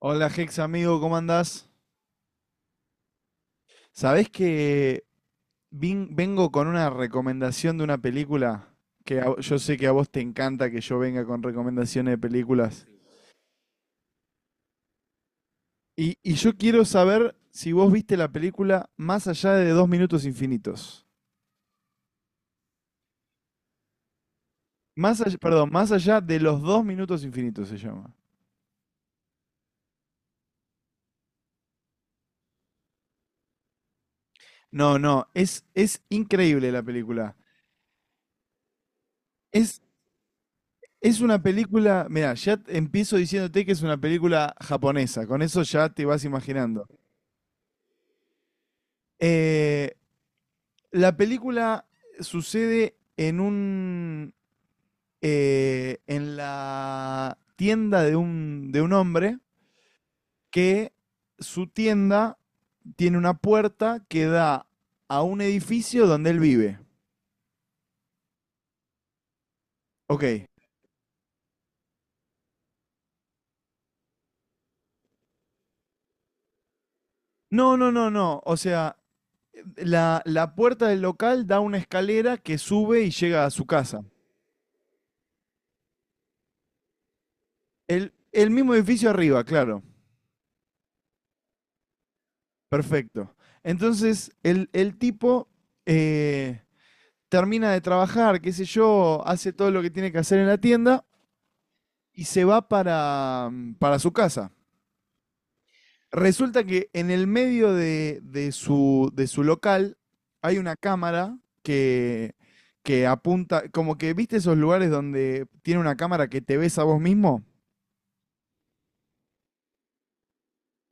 Hola Hex amigo, ¿cómo andás? Sabés que vengo con una recomendación de una película que a yo sé que a vos te encanta que yo venga con recomendaciones de películas. Y yo quiero saber si vos viste la película Más allá de 2 minutos infinitos. Más allá, perdón, Más allá de los 2 minutos infinitos se llama. No, no, es increíble la película. Es, es una película, mira, ya empiezo diciéndote que es una película japonesa, con eso ya te vas imaginando. Eh, la película sucede en un en la tienda de un hombre que su tienda tiene una puerta que da a un edificio donde él vive. Ok. No, no, no, no. O sea, la puerta del local da una escalera que sube y llega a su casa. El mismo edificio arriba, claro. Perfecto. Entonces, el tipo eh, termina de trabajar, qué sé yo, hace todo lo que tiene que hacer en la tienda y se va para su casa. Resulta que en el medio de su local hay una cámara que, que apunta, como que viste esos lugares donde tiene una cámara que te ves a vos mismo.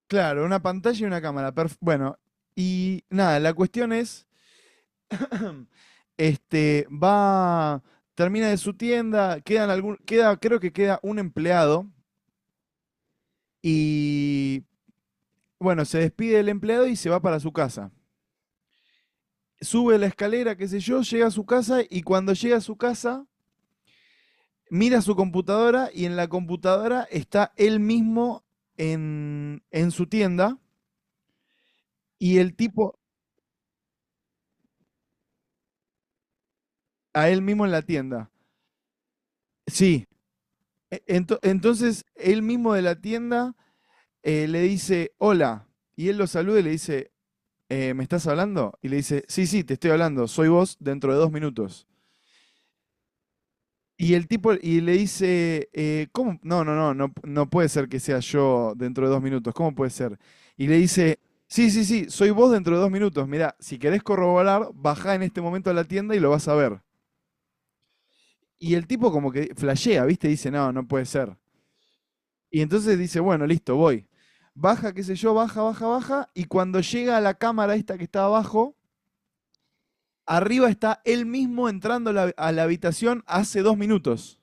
Claro, una pantalla y una cámara. Bueno, y nada, la cuestión es, este, va, termina de su tienda, quedan algún, queda, creo que queda un empleado. Y bueno, se despide el empleado y se va para su casa. Sube la escalera, qué sé yo, llega a su casa y cuando llega a su casa, mira su computadora y en la computadora está él mismo en su tienda y el tipo a él mismo en la tienda. Sí. Entonces, él mismo de la tienda le dice, hola. Y él lo saluda y le dice, ¿Me estás hablando?". Y le dice, sí, sí, te estoy hablando, soy vos dentro de 2 minutos. Y el tipo, y le dice, ¿cómo? No, no, no, no, no puede ser que sea yo dentro de 2 minutos, ¿cómo puede ser? Y le dice, sí, sí, sí, soy vos dentro de 2 minutos, mirá, si querés corroborar, bajá en este momento a la tienda y lo vas a ver. Y el tipo como que flashea, ¿viste? Dice, no, no puede ser. Y entonces dice, bueno, listo, voy. Baja, qué sé yo, baja, baja, baja, y cuando llega a la cámara esta que está abajo, arriba está él mismo entrando a la habitación hace 2 minutos.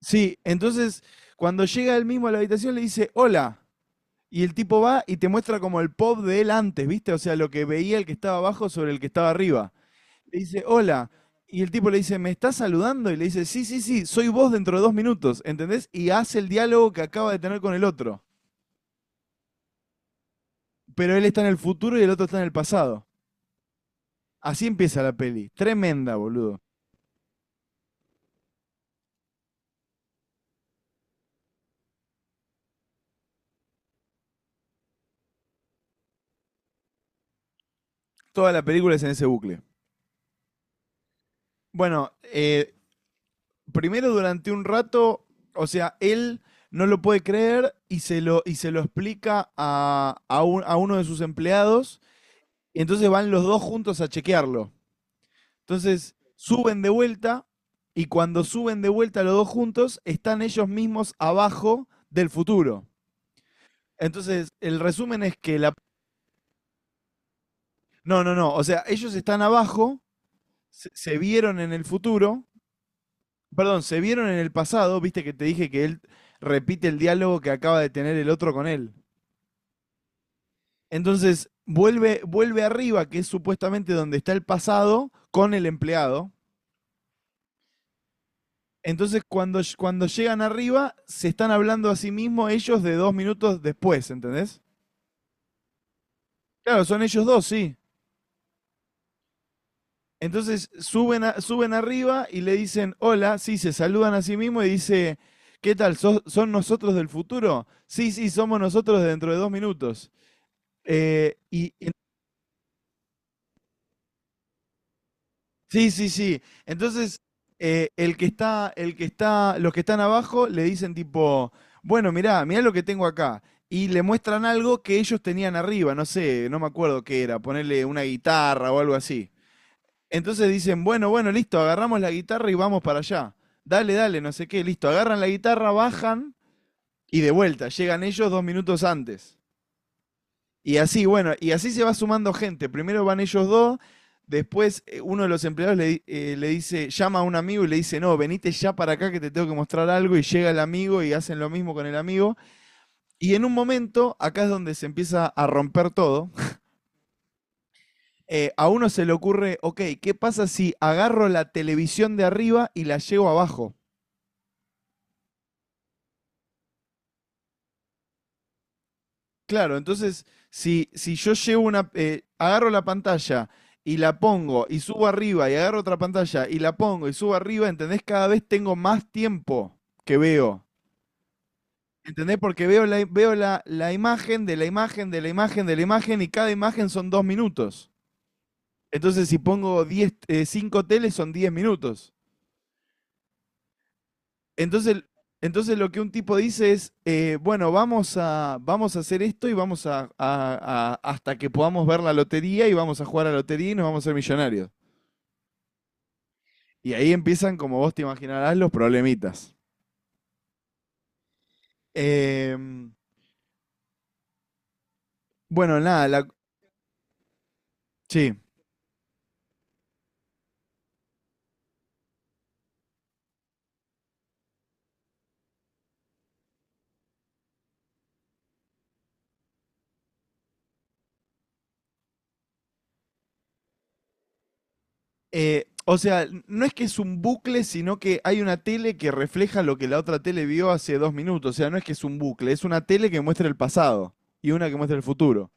Sí, entonces cuando llega él mismo a la habitación le dice, hola. Y el tipo va y te muestra como el pop de él antes, ¿viste? O sea, lo que veía el que estaba abajo sobre el que estaba arriba. Le dice, hola. Y el tipo le dice, ¿me estás saludando? Y le dice, sí, sí, sí, soy vos dentro de dos minutos, ¿entendés? Y hace el diálogo que acaba de tener con el otro. Pero él está en el futuro y el otro está en el pasado. Así empieza la peli. Tremenda, boludo. Toda la película es en ese bucle. Bueno, primero durante un rato, o sea, él no lo puede creer y se lo explica a uno de sus empleados. Y entonces van los dos juntos a chequearlo. Entonces suben de vuelta y cuando suben de vuelta los dos juntos, están ellos mismos abajo del futuro. Entonces, el resumen es que la. No, no, no. O sea, ellos están abajo, se vieron en el futuro. Perdón, se vieron en el pasado, viste que te dije que él repite el diálogo que acaba de tener el otro con él. Entonces, vuelve, vuelve arriba, que es supuestamente donde está el pasado, con el empleado. Entonces, cuando, cuando llegan arriba, se están hablando a sí mismos ellos de 2 minutos después, ¿entendés? Claro, son ellos dos, sí. Entonces, suben, suben arriba y le dicen, hola, sí, se saludan a sí mismos y dice, ¿qué tal? Son nosotros del futuro? Sí, sí, somos nosotros dentro de 2 minutos. Eh, y, en- sí, sí, sí. Entonces, los que están abajo le dicen tipo, bueno, mirá, mirá lo que tengo acá. Y le muestran algo que ellos tenían arriba, no sé, no me acuerdo qué era, ponerle una guitarra o algo así. Entonces dicen, bueno, bueno, listo, agarramos la guitarra y vamos para allá. Dale, dale, no sé qué, listo. Agarran la guitarra, bajan y de vuelta, llegan ellos 2 minutos antes. Y así, bueno, y así se va sumando gente. Primero van ellos dos, después uno de los empleados le, le dice, llama a un amigo y le dice, no, venite ya para acá que te tengo que mostrar algo. Y llega el amigo y hacen lo mismo con el amigo. Y en un momento, acá es donde se empieza a romper todo. A uno se le ocurre, ok, ¿qué pasa si agarro la televisión de arriba y la llevo abajo? Claro, entonces, si yo llevo una, agarro la pantalla y la pongo y subo arriba y agarro otra pantalla y la pongo y subo arriba, ¿entendés? Cada vez tengo más tiempo que veo. ¿Entendés? Porque veo la imagen de la imagen de la imagen de la imagen y cada imagen son 2 minutos. Entonces, si pongo 10 cinco teles son 10 minutos. Entonces, entonces lo que un tipo dice es, bueno, vamos a hacer esto y vamos a- hasta que podamos ver la lotería y vamos a jugar a la lotería y nos vamos a ser millonarios. Y ahí empiezan, como vos te imaginarás, los problemitas. Em, bueno, nada, la, sí. O sea, no es que es un bucle, sino que hay una tele que refleja lo que la otra tele vio hace 2 minutos. O sea, no es que es un bucle, es una tele que muestra el pasado y una que muestra el futuro.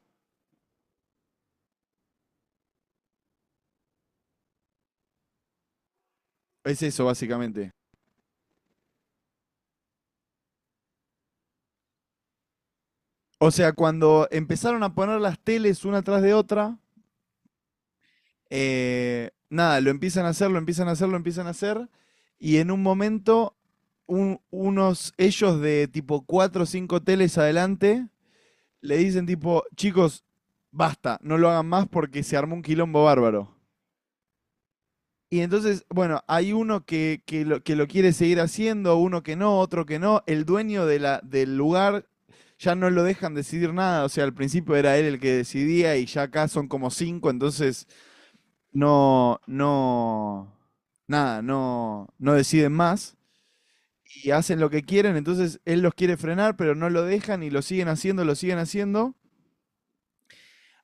Es eso, básicamente. O sea, cuando empezaron a poner las teles una tras de otra, nada, lo empiezan a hacer, lo empiezan a hacer, lo empiezan a hacer, y en un momento, unos ellos de tipo cuatro o cinco teles adelante le dicen tipo, chicos, basta, no lo hagan más porque se armó un quilombo bárbaro. Y entonces, bueno, hay uno que lo quiere seguir haciendo, uno que no, otro que no. El dueño de la, del lugar ya no lo dejan decidir nada. O sea, al principio era él el que decidía y ya acá son como cinco, entonces no, no, nada, no, no deciden más. Y hacen lo que quieren, entonces él los quiere frenar, pero no lo dejan y lo siguen haciendo, lo siguen haciendo.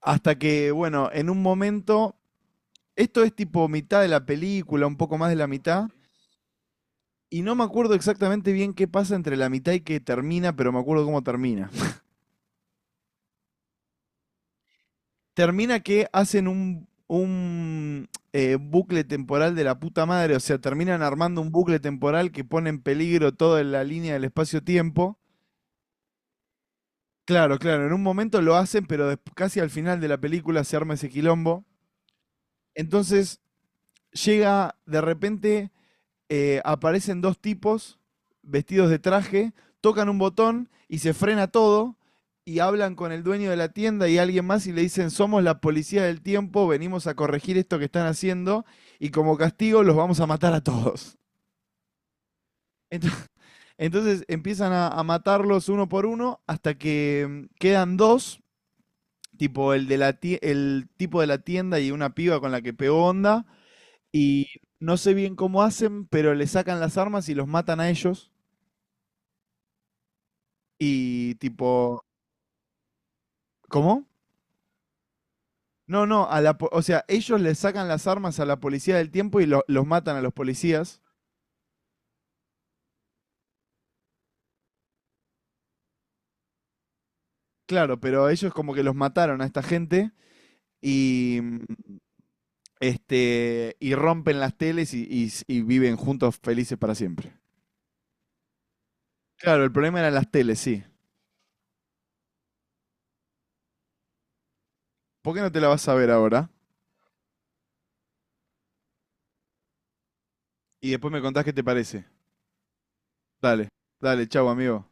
Hasta que, bueno, en un momento, esto es tipo mitad de la película, un poco más de la mitad. Y no me acuerdo exactamente bien qué pasa entre la mitad y que termina, pero me acuerdo cómo termina. Termina que hacen un bucle temporal de la puta madre, o sea, terminan armando un bucle temporal que pone en peligro toda la línea del espacio-tiempo. Claro, claro, en un momento lo hacen, pero casi al final de la película se arma ese quilombo. Entonces llega de repente aparecen dos tipos vestidos de traje, tocan un botón y se frena todo y hablan con el dueño de la tienda y alguien más y le dicen, somos la policía del tiempo, venimos a corregir esto que están haciendo y como castigo los vamos a matar a todos. Ento- Entonces empiezan a matarlos uno por uno hasta que quedan dos, tipo el, de la el tipo de la tienda y una piba con la que pegó onda y no sé bien cómo hacen, pero le sacan las armas y los matan a ellos. Y tipo, ¿cómo? No, no, a la, o sea, ellos le sacan las armas a la policía del tiempo y los matan a los policías. Claro, pero ellos como que los mataron a esta gente y este y rompen las teles y y viven juntos felices para siempre. Claro, el problema eran las teles, sí. ¿Por qué no te la vas a ver ahora? Y después me contás qué te parece. Dale, dale, chau, amigo.